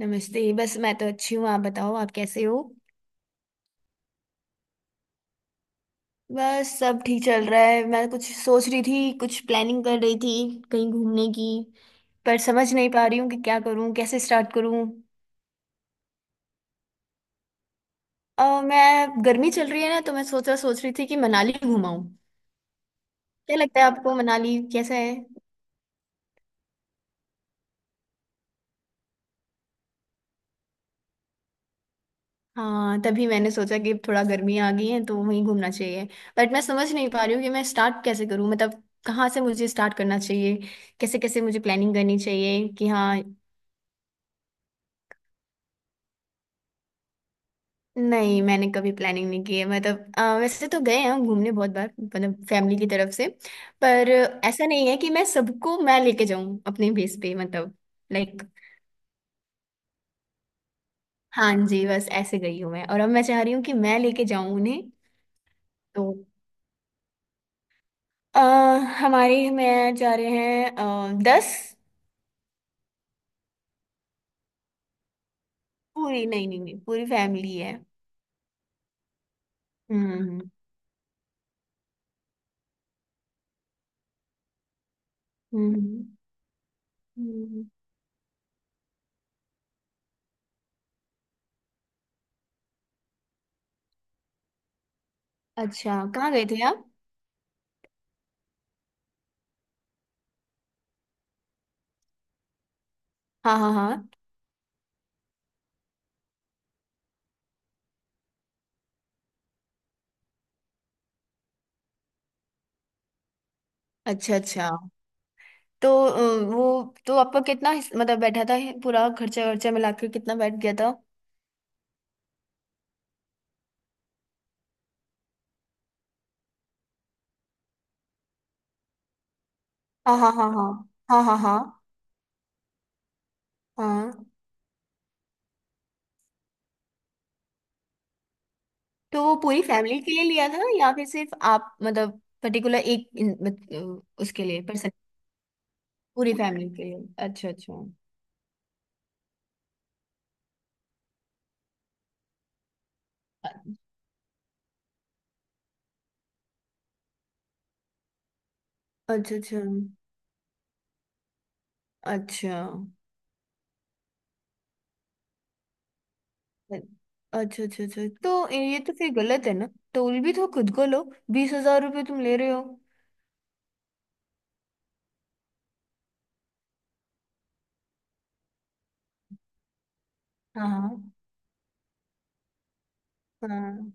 नमस्ते। बस मैं तो अच्छी हूँ, आप बताओ आप कैसे हो? बस सब ठीक चल रहा है। मैं कुछ सोच रही थी, कुछ प्लानिंग कर रही थी कहीं घूमने की। पर समझ नहीं पा रही हूँ कि क्या करूँ, कैसे स्टार्ट करूँ। मैं गर्मी चल रही है ना, तो मैं सोच रही थी कि मनाली घुमाऊँ। क्या लगता है आपको, मनाली कैसा है? हाँ, तभी मैंने सोचा कि थोड़ा गर्मी आ गई है तो वहीं घूमना चाहिए। बट मैं समझ नहीं पा रही हूँ कि मैं स्टार्ट कैसे करूँ, मतलब कहाँ से मुझे स्टार्ट करना चाहिए, कैसे कैसे मुझे प्लानिंग करनी चाहिए, कि हाँ। नहीं, मैंने कभी प्लानिंग नहीं की है। मतलब वैसे तो गए हैं घूमने बहुत बार, मतलब फैमिली की तरफ से। पर ऐसा नहीं है कि मैं सबको मैं लेके जाऊं अपने बेस पे, मतलब। लाइक, हाँ जी, बस ऐसे गई हूँ मैं, और अब मैं चाह रही हूँ कि मैं लेके जाऊं उन्हें। तो अ, हमारे में जा रहे हैं 10। पूरी, नहीं नहीं नहीं पूरी फैमिली है। हम्म हम्म। हम्म। अच्छा, कहाँ गए थे आप? हाँ हाँ हाँ। अच्छा अच्छा। तो वो तो आपका कितना मतलब बैठा था? पूरा खर्चा खर्चा मिला के कितना बैठ गया था? हाँ हाँ हाँ हाँ हाँ हाँ हाँ हाँ। तो वो पूरी फैमिली के लिए लिया था या फिर सिर्फ आप मतलब पर्टिकुलर एक उसके लिए पर्सन? पूरी फैमिली के लिए। अच्छा अच्छा अच्छा। अच्छा अच्छा अच्छा अच्छा। अच्छा, तो ये तो फिर गलत है ना। टोल भी तो खुद को लो, 20,000 रुपये तुम ले रहे हो। हाँ हाँ।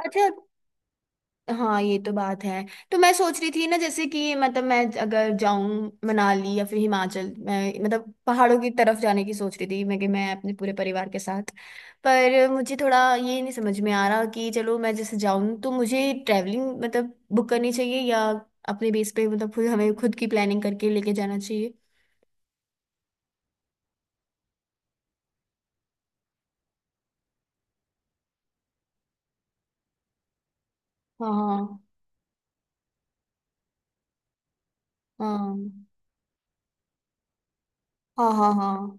अच्छा, हाँ ये तो बात है। तो मैं सोच रही थी ना, जैसे कि मतलब मैं अगर जाऊं मनाली या फिर हिमाचल, मैं मतलब पहाड़ों की तरफ जाने की सोच रही थी मैं, कि मैं अपने पूरे परिवार के साथ। पर मुझे थोड़ा ये नहीं समझ में आ रहा कि चलो मैं जैसे जाऊं तो मुझे ट्रैवलिंग मतलब बुक करनी चाहिए, या अपने बेस पे मतलब खुद हमें खुद की प्लानिंग करके लेके जाना चाहिए। हाँ हाँ हाँ हाँ हाँ।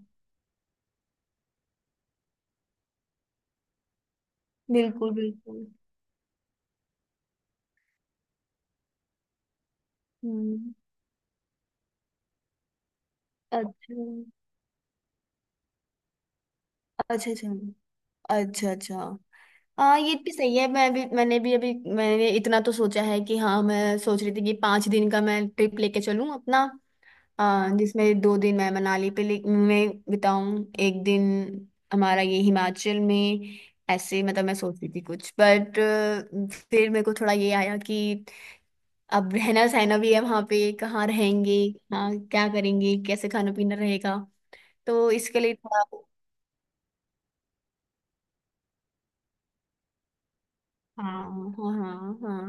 बिल्कुल बिल्कुल। हम्म। अच्छा अच्छा अच्छा। अच्छा अच्छा। हाँ, ये भी सही है। मैंने भी अभी, मैंने इतना तो सोचा है कि हाँ, मैं सोच रही थी कि 5 दिन का मैं ट्रिप लेके चलूँ अपना, जिसमें 2 दिन मैं मनाली में बिताऊँ, एक दिन हमारा ये हिमाचल में। ऐसे मतलब मैं सोच रही थी कुछ, बट फिर मेरे को थोड़ा ये आया कि अब रहना सहना भी है, वहाँ पे कहाँ रहेंगे। हाँ, क्या करेंगे, कैसे खाना पीना रहेगा। तो इसके लिए थोड़ा। हाँ हाँ हाँ हाँ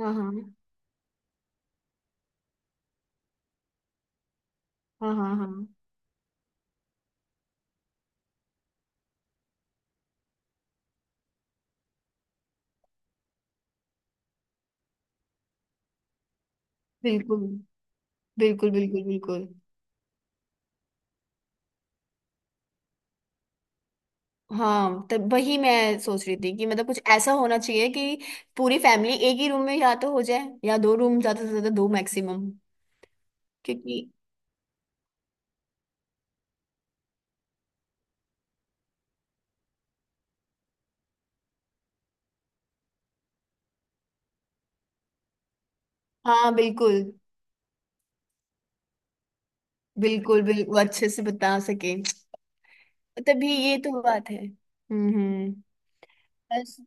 हाँ हाँ हाँ हाँ हाँ। बिल्कुल बिल्कुल बिल्कुल बिल्कुल। हाँ, तब वही मैं सोच रही थी कि मतलब कुछ ऐसा होना चाहिए कि पूरी फैमिली एक ही रूम में या तो हो जाए, या दो रूम ज्यादा से ज्यादा, दो मैक्सिमम। क्योंकि हाँ, बिल्कुल बिल्कुल बिल्कुल। अच्छे से बता सके। तभी, ये तो बात है। हम्म। बस।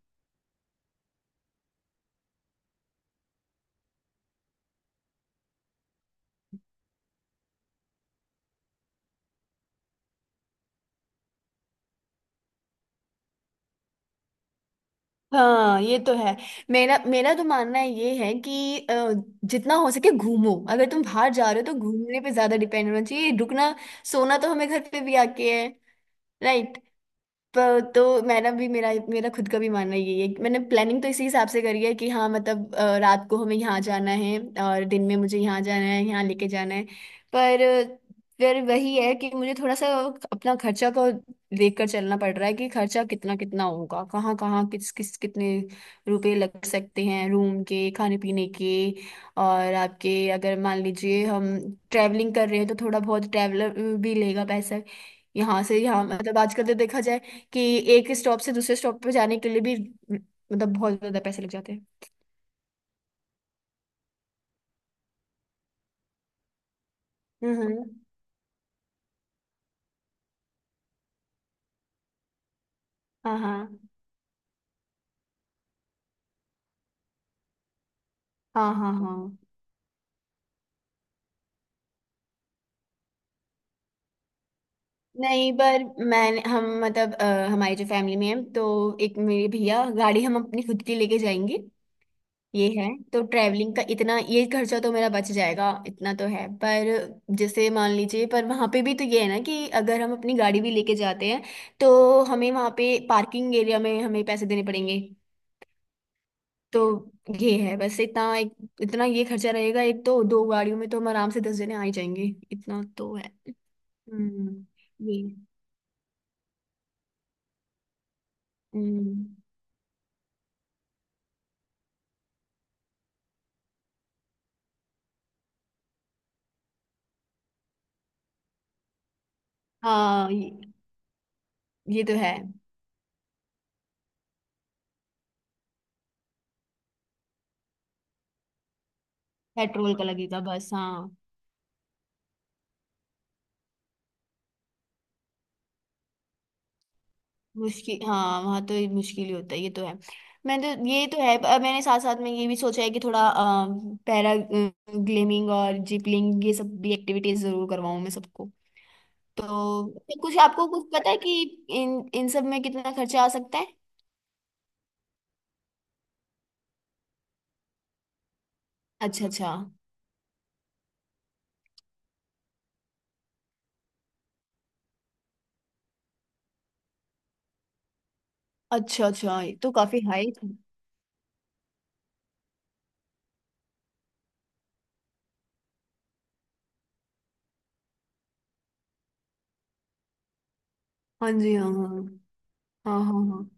हाँ ये तो है। मेरा मेरा तो मानना ये है कि जितना हो सके घूमो, अगर तुम बाहर जा रहे हो तो घूमने पे ज्यादा डिपेंड होना चाहिए। रुकना सोना तो हमें घर पे भी आके है। राइट। पर तो मेरा भी, मेरा मेरा खुद का भी मानना यही है। मैंने प्लानिंग तो इसी हिसाब से करी है कि हाँ मतलब रात को हमें यहाँ जाना है, और दिन में मुझे यहाँ जाना है, यहाँ लेके जाना है। पर फिर वही है कि मुझे थोड़ा सा अपना खर्चा को देखकर चलना पड़ रहा है, कि खर्चा कितना कितना होगा, कहाँ कहाँ, किस किस, कितने रुपए लग सकते हैं, रूम के, खाने पीने के। और आपके, अगर मान लीजिए हम ट्रैवलिंग कर रहे हैं तो थोड़ा बहुत ट्रैवलर भी लेगा पैसा। यहाँ से यहाँ मतलब आजकल तो देखा जाए कि एक स्टॉप से दूसरे स्टॉप पे जाने के लिए भी मतलब बहुत ज्यादा पैसे लग जाते हैं। हम्म। हाँ हाँ हाँ हाँ हाँ। नहीं पर मैं, हम मतलब हमारी जो फैमिली में है तो, एक मेरे भैया, गाड़ी हम अपनी खुद की लेके जाएंगे। ये है। तो ट्रैवलिंग का इतना ये खर्चा तो मेरा बच जाएगा, इतना तो है। पर जैसे मान लीजिए, पर वहाँ पे भी तो ये है ना कि अगर हम अपनी गाड़ी भी लेके जाते हैं तो हमें वहाँ पे पार्किंग एरिया में हमें पैसे देने पड़ेंगे। तो ये है, बस इतना एक इतना ये खर्चा रहेगा, एक तो दो गाड़ियों में तो हम आराम से 10 जने आ ही जाएंगे, इतना तो है। हम्म। ये हम्म। हाँ ये तो है। पेट्रोल का लगेगा बस, हाँ। मुश्किल, हाँ वहाँ तो ये मुश्किल ही होता है, ये तो है। मैं तो ये तो है, पर मैंने साथ साथ में ये भी सोचा है कि थोड़ा पैरा ग्लेमिंग और जिपलिंग ये सब भी एक्टिविटीज जरूर करवाऊँ मैं सबको। तो कुछ, आपको कुछ पता है कि इन इन सब में कितना खर्चा आ सकता है? अच्छा अच्छा अच्छा। अच्छा, ये तो काफी हाई था। हाँ जी हाँ हाँ हाँ हाँ हाँ।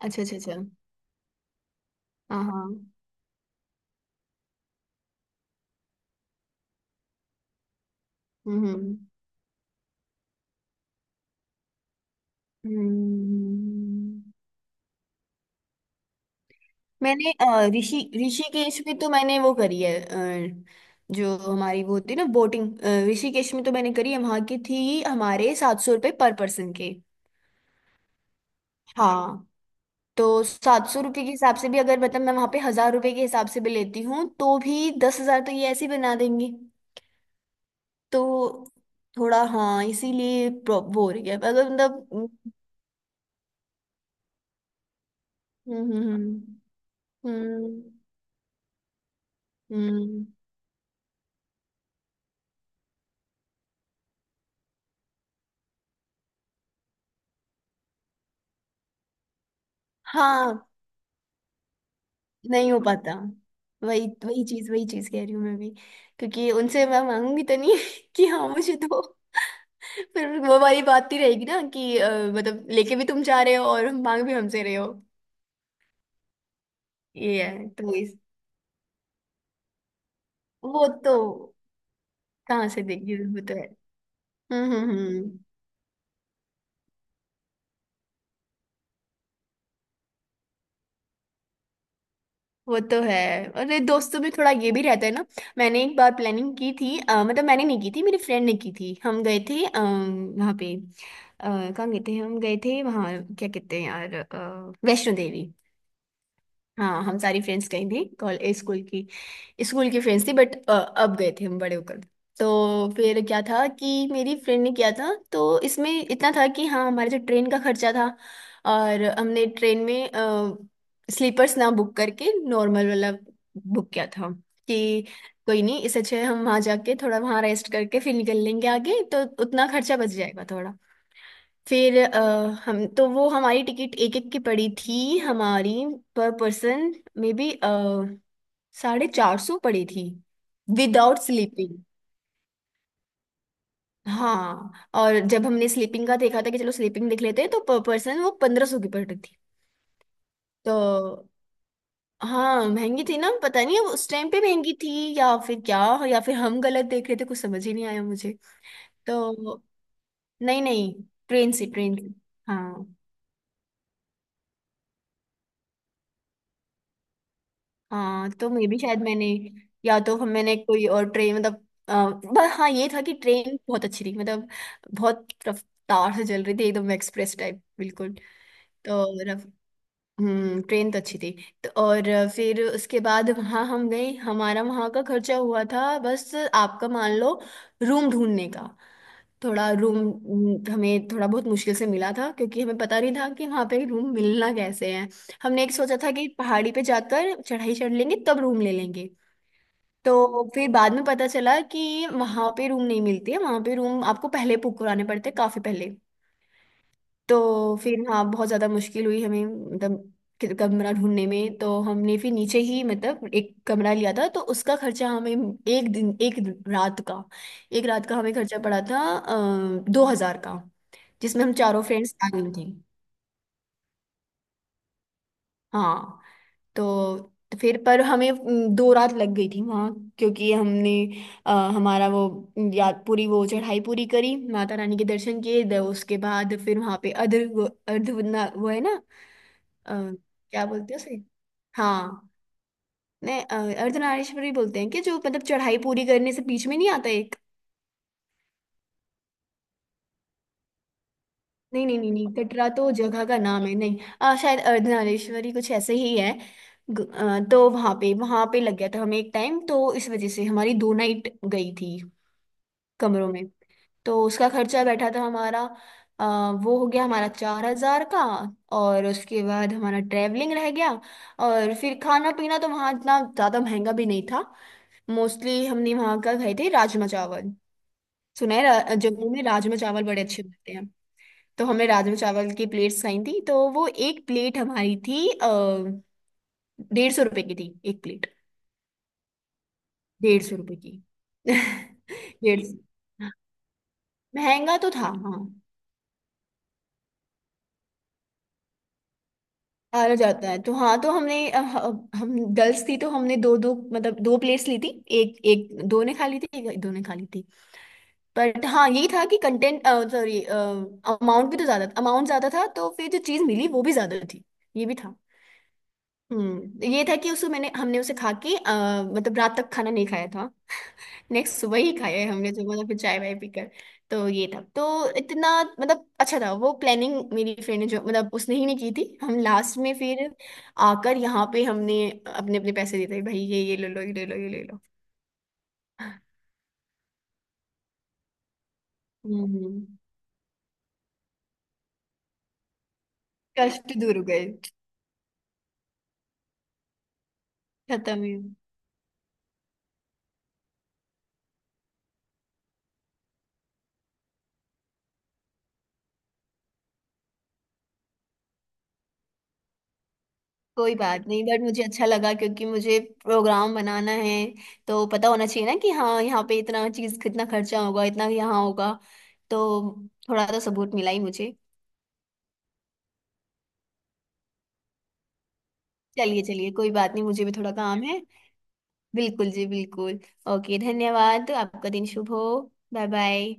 अच्छा अच्छा अच्छा। हाँ हाँ। हम्म। हम्म। मैंने ऋषिकेश में तो मैंने वो करी है, जो हमारी वो होती है ना, बोटिंग। ऋषिकेश में तो मैंने करी है, वहाँ की थी, हमारे 700 रुपये पर पर्सन के। हाँ। तो 700 रुपये के हिसाब से भी अगर मतलब मैं वहाँ पे 1,000 रुपये के हिसाब से भी लेती हूँ, तो भी 10,000 तो ये ऐसे ही बना देंगे। तो थोड़ा हाँ, इसीलिए वो हो गया, अगर मतलब हम्म। हम्म हम्म हम्म, हम्म, हम्म, हाँ नहीं हो पाता। वही वही चीज कह रही हूँ मैं भी, क्योंकि उनसे मैं मांगूंगी तो नहीं कि हाँ मुझे दो। फिर वो वाली बात ही रहेगी ना कि मतलब लेके भी तुम जा रहे हो और मांग भी हमसे रहे हो। ये है तो इस। वो तो कहाँ से देगी, वो तो है। हम्म। वो तो है। अरे, दोस्तों में थोड़ा ये भी रहता है ना। मैंने एक बार प्लानिंग की थी, मतलब मैंने नहीं की थी, मेरी फ्रेंड ने की थी। हम गए थे वहाँ पे कहाँ गए थे, हम गए थे वहाँ, क्या कहते हैं यार, वैष्णो देवी। हाँ, हम सारी फ्रेंड्स गई थी कॉलेज स्कूल की, स्कूल की फ्रेंड्स थी, बट अब गए थे हम बड़े होकर। तो फिर क्या था कि मेरी फ्रेंड ने किया था, तो इसमें इतना था कि हाँ, हमारे जो ट्रेन का खर्चा था, और हमने ट्रेन में स्लीपर्स ना बुक करके नॉर्मल वाला बुक किया था। कि कोई नहीं, इससे अच्छा है हम वहाँ जाके थोड़ा वहाँ रेस्ट करके फिर निकल लेंगे आगे, तो उतना खर्चा बच जाएगा थोड़ा। फिर हम तो वो हमारी टिकट एक एक की पड़ी थी, हमारी पर पर्सन मे बी 450 पड़ी थी विदाउट स्लीपिंग। हाँ, और जब हमने स्लीपिंग का देखा था कि चलो स्लीपिंग देख लेते हैं, तो पर पर्सन वो 1,500 की पड़ रही थी। तो हाँ, महंगी थी ना, पता नहीं अब उस टाइम पे महंगी थी या फिर क्या, या फिर हम गलत देख रहे थे, कुछ समझ ही नहीं आया मुझे। तो नहीं नहीं, ट्रेन से। हाँ हाँ। तो मे भी शायद मैंने, या तो मैंने कोई और ट्रेन मतलब पर हाँ ये था कि ट्रेन बहुत अच्छी थी, मतलब बहुत रफ्तार से चल रही थी, एकदम एक्सप्रेस टाइप बिल्कुल। तो रफ हम्म, ट्रेन तो अच्छी थी। तो और फिर उसके बाद वहाँ हम गए, हमारा वहाँ का खर्चा हुआ था बस आपका मान लो रूम ढूंढने का। थोड़ा रूम, हमें थोड़ा बहुत मुश्किल से मिला था क्योंकि हमें पता नहीं था कि वहाँ पे रूम मिलना कैसे है। हमने एक सोचा था कि पहाड़ी पे जाकर चढ़ाई चढ़ लेंगे तब रूम ले लेंगे। तो फिर बाद में पता चला कि वहां पे रूम नहीं मिलती है, वहां पे रूम आपको पहले बुक कराने पड़ते हैं, काफी पहले। तो फिर हाँ, बहुत ज्यादा मुश्किल हुई हमें मतलब कमरा ढूंढने में। तो हमने फिर नीचे ही मतलब एक कमरा लिया था, तो उसका खर्चा हमें रात का, एक रात का हमें खर्चा पड़ा था 2,000 का, जिसमें हम चारों फ्रेंड्स आ गई थी। हाँ। तो फिर पर हमें 2 रात लग गई थी वहाँ, क्योंकि हमने अ, हमारा वो याद, पूरी वो चढ़ाई पूरी करी, माता रानी के दर्शन किए, उसके बाद फिर वहाँ पे अर्ध अर्ध वो है ना, अ, क्या बोलते हैं उसे, हाँ। नहीं अर्धनारीश्वरी बोलते हैं, कि जो मतलब चढ़ाई पूरी करने से बीच में नहीं आता एक। नहीं नहीं नहीं नहीं, कटरा तो जगह का नाम है नहीं। शायद अर्धनारीश्वरी कुछ ऐसे ही है। तो वहां पे लग गया था हमें एक टाइम, तो इस वजह से हमारी 2 नाइट गई थी कमरों में। तो उसका खर्चा बैठा था हमारा, वो हो गया हमारा 4,000 का। और उसके बाद हमारा ट्रैवलिंग रह गया, और फिर खाना पीना तो वहाँ इतना ज़्यादा महंगा भी नहीं था। मोस्टली हमने वहाँ का खाए थे राजमा चावल, सुना है जम्मू में राजमा चावल बड़े अच्छे मिलते हैं। तो हमने राजमा चावल की प्लेट्स खाई थी। तो वो एक प्लेट हमारी थी, 150 रुपये की थी एक प्लेट। 150 रुपये की 150। महंगा तो था हाँ। हारा जाता है तो हाँ। तो हमने हम गर्ल्स थी, तो हमने दो दो मतलब दो प्लेट्स ली थी, एक एक, दो ने खा ली थी एक, दो ने खा ली थी। बट हाँ यही था कि कंटेंट, सॉरी अमाउंट, भी तो ज्यादा, अमाउंट ज्यादा था, तो फिर जो चीज मिली वो भी ज्यादा थी, ये भी था। हम्म, ये था कि उसको मैंने हमने उसे खा के मतलब रात तक खाना नहीं खाया था, नेक्स्ट सुबह ही खाया है हमने, जो मतलब फिर चाय वाय पीकर। तो ये था। तो इतना, मतलब अच्छा था वो प्लानिंग मेरी फ्रेंड ने जो मतलब उसने ही नहीं की थी। हम लास्ट में फिर आकर यहाँ पे हमने अपने अपने पैसे देते, भाई ये ले लो, ये ले लो, ये ले लो। हम्म। कष्ट दूर हो गए। खत्म ही। कोई बात नहीं, बट मुझे अच्छा लगा, क्योंकि मुझे प्रोग्राम बनाना है, तो पता होना चाहिए ना कि हाँ, यहाँ पे इतना चीज, कितना खर्चा होगा, इतना यहाँ होगा। तो थोड़ा तो सबूत मिला ही मुझे। चलिए चलिए, कोई बात नहीं, मुझे भी थोड़ा काम है। बिल्कुल जी, बिल्कुल। ओके, धन्यवाद। आपका दिन शुभ हो। Bye bye.